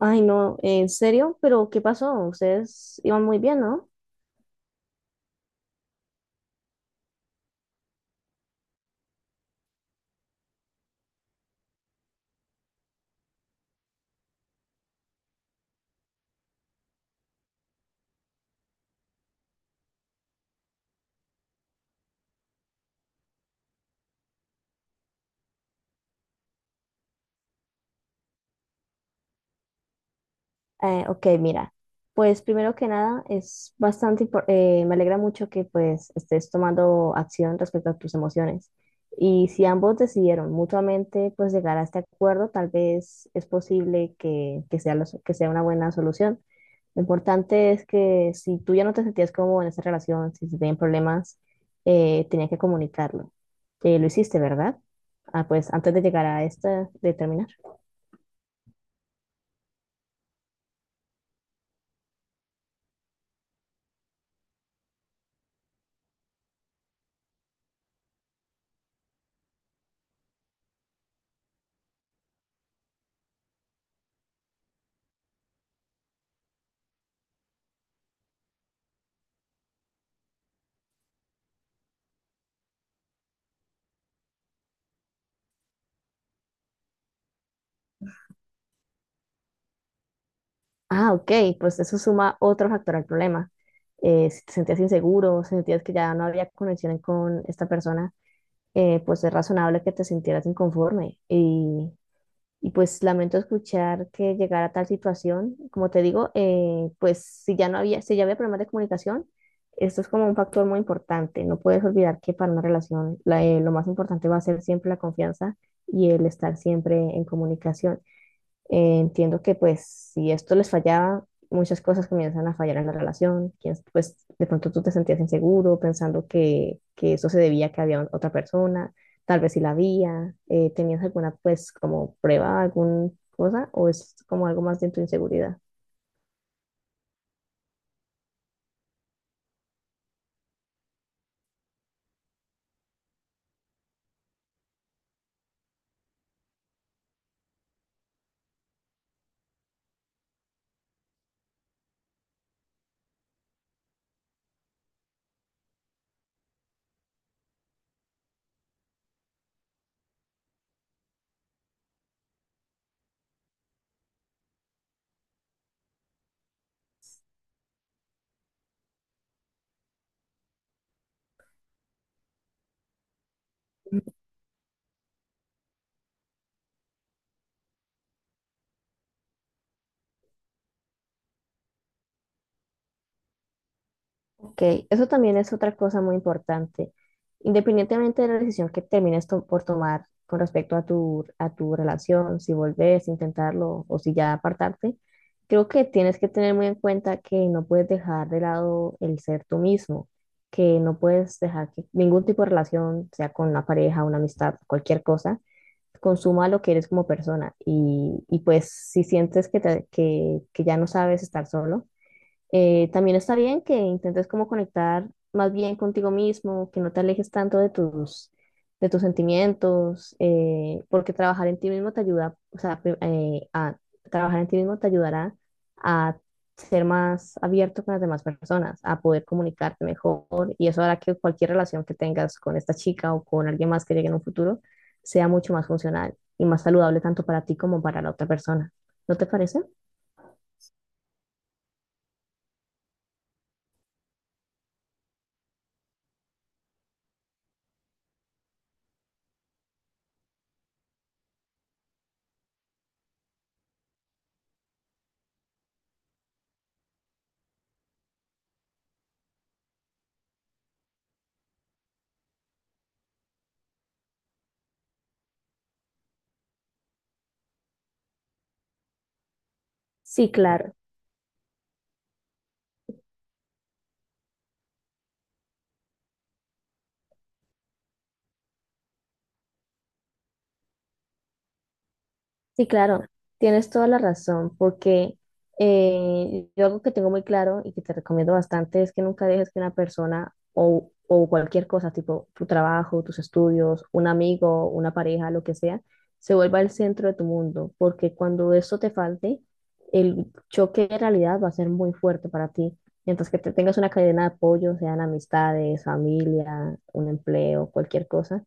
Ay, no, ¿en serio? ¿Pero qué pasó? Ustedes iban muy bien, ¿no? Ok, mira, pues primero que nada es bastante, me alegra mucho que pues estés tomando acción respecto a tus emociones. Y si ambos decidieron mutuamente pues llegar a este acuerdo, tal vez es posible que sea, que sea una buena solución. Lo importante es que si tú ya no te sentías cómodo en esa relación, si se tenían problemas, tenías que comunicarlo. Lo hiciste, ¿verdad? Ah, pues antes de llegar a esta, de terminar. Ah, ok, pues eso suma otro factor al problema. Si te sentías inseguro, si sentías que ya no había conexión con esta persona, pues es razonable que te sintieras inconforme. Y pues lamento escuchar que llegara a tal situación. Como te digo, pues si ya no había, si ya había problemas de comunicación, esto es como un factor muy importante. No puedes olvidar que para una relación lo más importante va a ser siempre la confianza y el estar siempre en comunicación. Entiendo que pues si esto les fallaba, muchas cosas comienzan a fallar en la relación, quién pues de pronto tú te sentías inseguro pensando que eso se debía a que había otra persona, tal vez si la había, ¿tenías alguna pues como prueba, alguna cosa o es como algo más de tu inseguridad? Ok, eso también es otra cosa muy importante. Independientemente de la decisión que por tomar con respecto a a tu relación, si volvés a intentarlo o si ya apartarte, creo que tienes que tener muy en cuenta que no puedes dejar de lado el ser tú mismo, que no puedes dejar que ningún tipo de relación, sea con una pareja, una amistad, cualquier cosa, consuma lo que eres como persona. Y pues si sientes que ya no sabes estar solo, también está bien que intentes como conectar más bien contigo mismo, que no te alejes tanto de de tus sentimientos, porque trabajar en ti mismo te ayuda, o sea, a trabajar en ti mismo te ayudará a ser más abierto con las demás personas, a poder comunicarte mejor y eso hará que cualquier relación que tengas con esta chica o con alguien más que llegue en un futuro sea mucho más funcional y más saludable tanto para ti como para la otra persona. ¿No te parece? Sí, claro. Sí, claro, tienes toda la razón, porque yo algo que tengo muy claro y que te recomiendo bastante es que nunca dejes que una persona o cualquier cosa, tipo tu trabajo, tus estudios, un amigo, una pareja, lo que sea, se vuelva el centro de tu mundo, porque cuando eso te falte, el choque de realidad va a ser muy fuerte para ti. Mientras que te tengas una cadena de apoyo, sean amistades, familia, un empleo, cualquier cosa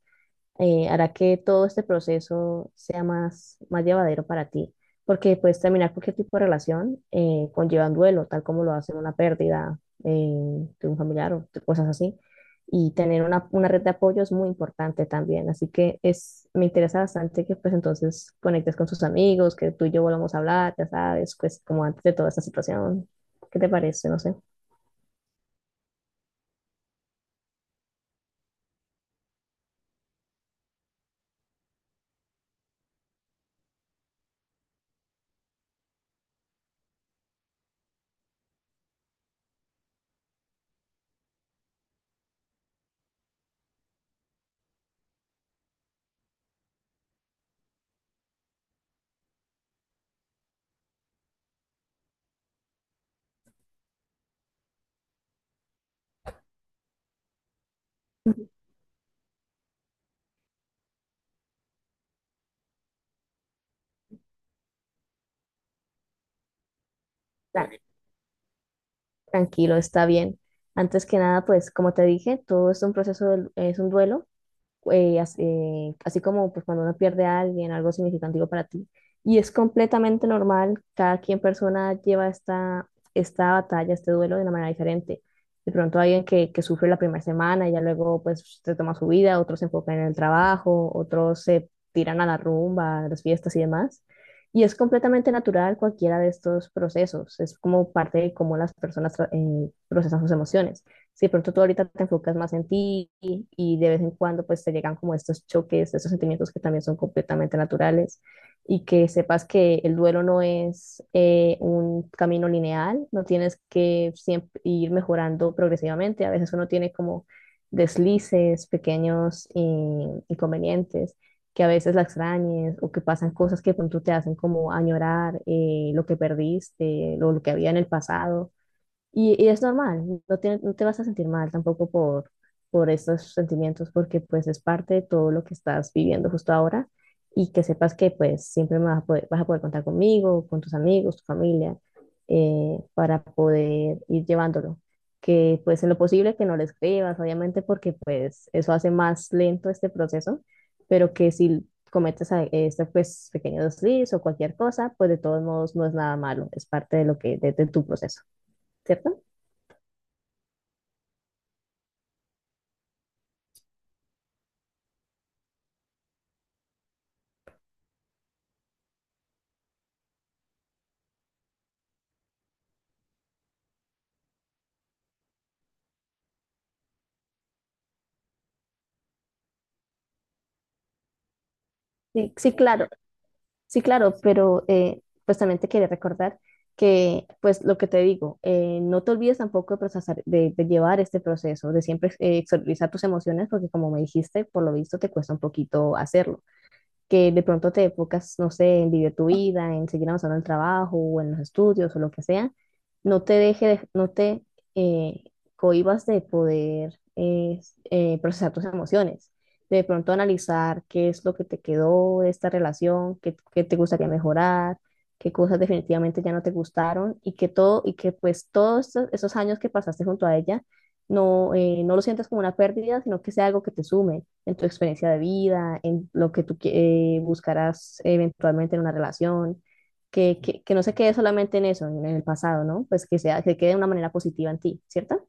hará que todo este proceso sea más, más llevadero para ti, porque puedes terminar cualquier tipo de relación conlleva un duelo, tal como lo hacen una pérdida de un familiar o de cosas así, y tener una red de apoyo es muy importante también, así que es, me interesa bastante que pues entonces conectes con tus amigos, que tú y yo volvamos a hablar, ya sabes, pues como antes de toda esta situación, ¿qué te parece? No sé. Tra- Tranquilo, está bien. Antes que nada, pues como te dije, todo es un proceso, es un duelo así como pues, cuando uno pierde a alguien, algo significativo para ti. Y es completamente normal, cada quien persona lleva esta batalla, este duelo de una manera diferente. De pronto hay alguien que sufre la primera semana y ya luego pues se toma su vida, otros se enfocan en el trabajo, otros se tiran a la rumba, a las fiestas y demás. Y es completamente natural cualquiera de estos procesos, es como parte de cómo las personas procesan sus emociones si de pronto tú ahorita te enfocas más en ti y de vez en cuando pues te llegan como estos choques, estos sentimientos que también son completamente naturales y que sepas que el duelo no es un camino lineal, no tienes que siempre ir mejorando progresivamente, a veces uno tiene como deslices, pequeños inconvenientes que a veces la extrañes o que pasan cosas que de pronto te hacen como añorar lo que perdiste, lo que había en el pasado y es normal, no te vas a sentir mal tampoco por, por estos sentimientos, porque pues es parte de todo lo que estás viviendo justo ahora y que sepas que pues siempre me vas a poder contar conmigo, con tus amigos, tu familia, para poder ir llevándolo. Que pues en lo posible que no lo escribas, obviamente, porque pues eso hace más lento este proceso, pero que si cometes este pues pequeño desliz o cualquier cosa, pues de todos modos no es nada malo, es parte de lo que, de tu proceso, ¿cierto? Sí, sí, claro, sí, claro, pero pues también te quería recordar que, pues lo que te digo, no te olvides tampoco de procesar, de llevar este proceso, de siempre exteriorizar tus emociones, porque como me dijiste, por lo visto te cuesta un poquito hacerlo que de pronto te enfocas, no sé, en vivir tu vida, en seguir avanzando en el trabajo o en los estudios o lo que sea, no te eh, cohibas de poder procesar tus emociones, de pronto analizar qué es lo que te quedó de esta relación, qué te gustaría mejorar, qué cosas definitivamente ya no te gustaron y que pues esos años que pasaste junto a ella no, no lo sientas como una pérdida, sino que sea algo que te sume en tu experiencia de vida, en lo que buscarás eventualmente en una relación, que no se quede solamente en eso, en el pasado, ¿no? Pues que sea, que quede de una manera positiva en ti, ¿cierto?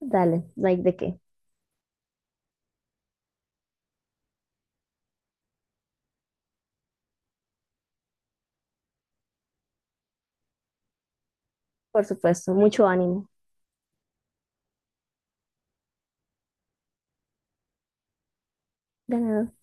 Dale, no hay de qué. Por supuesto, mucho ánimo. De nada.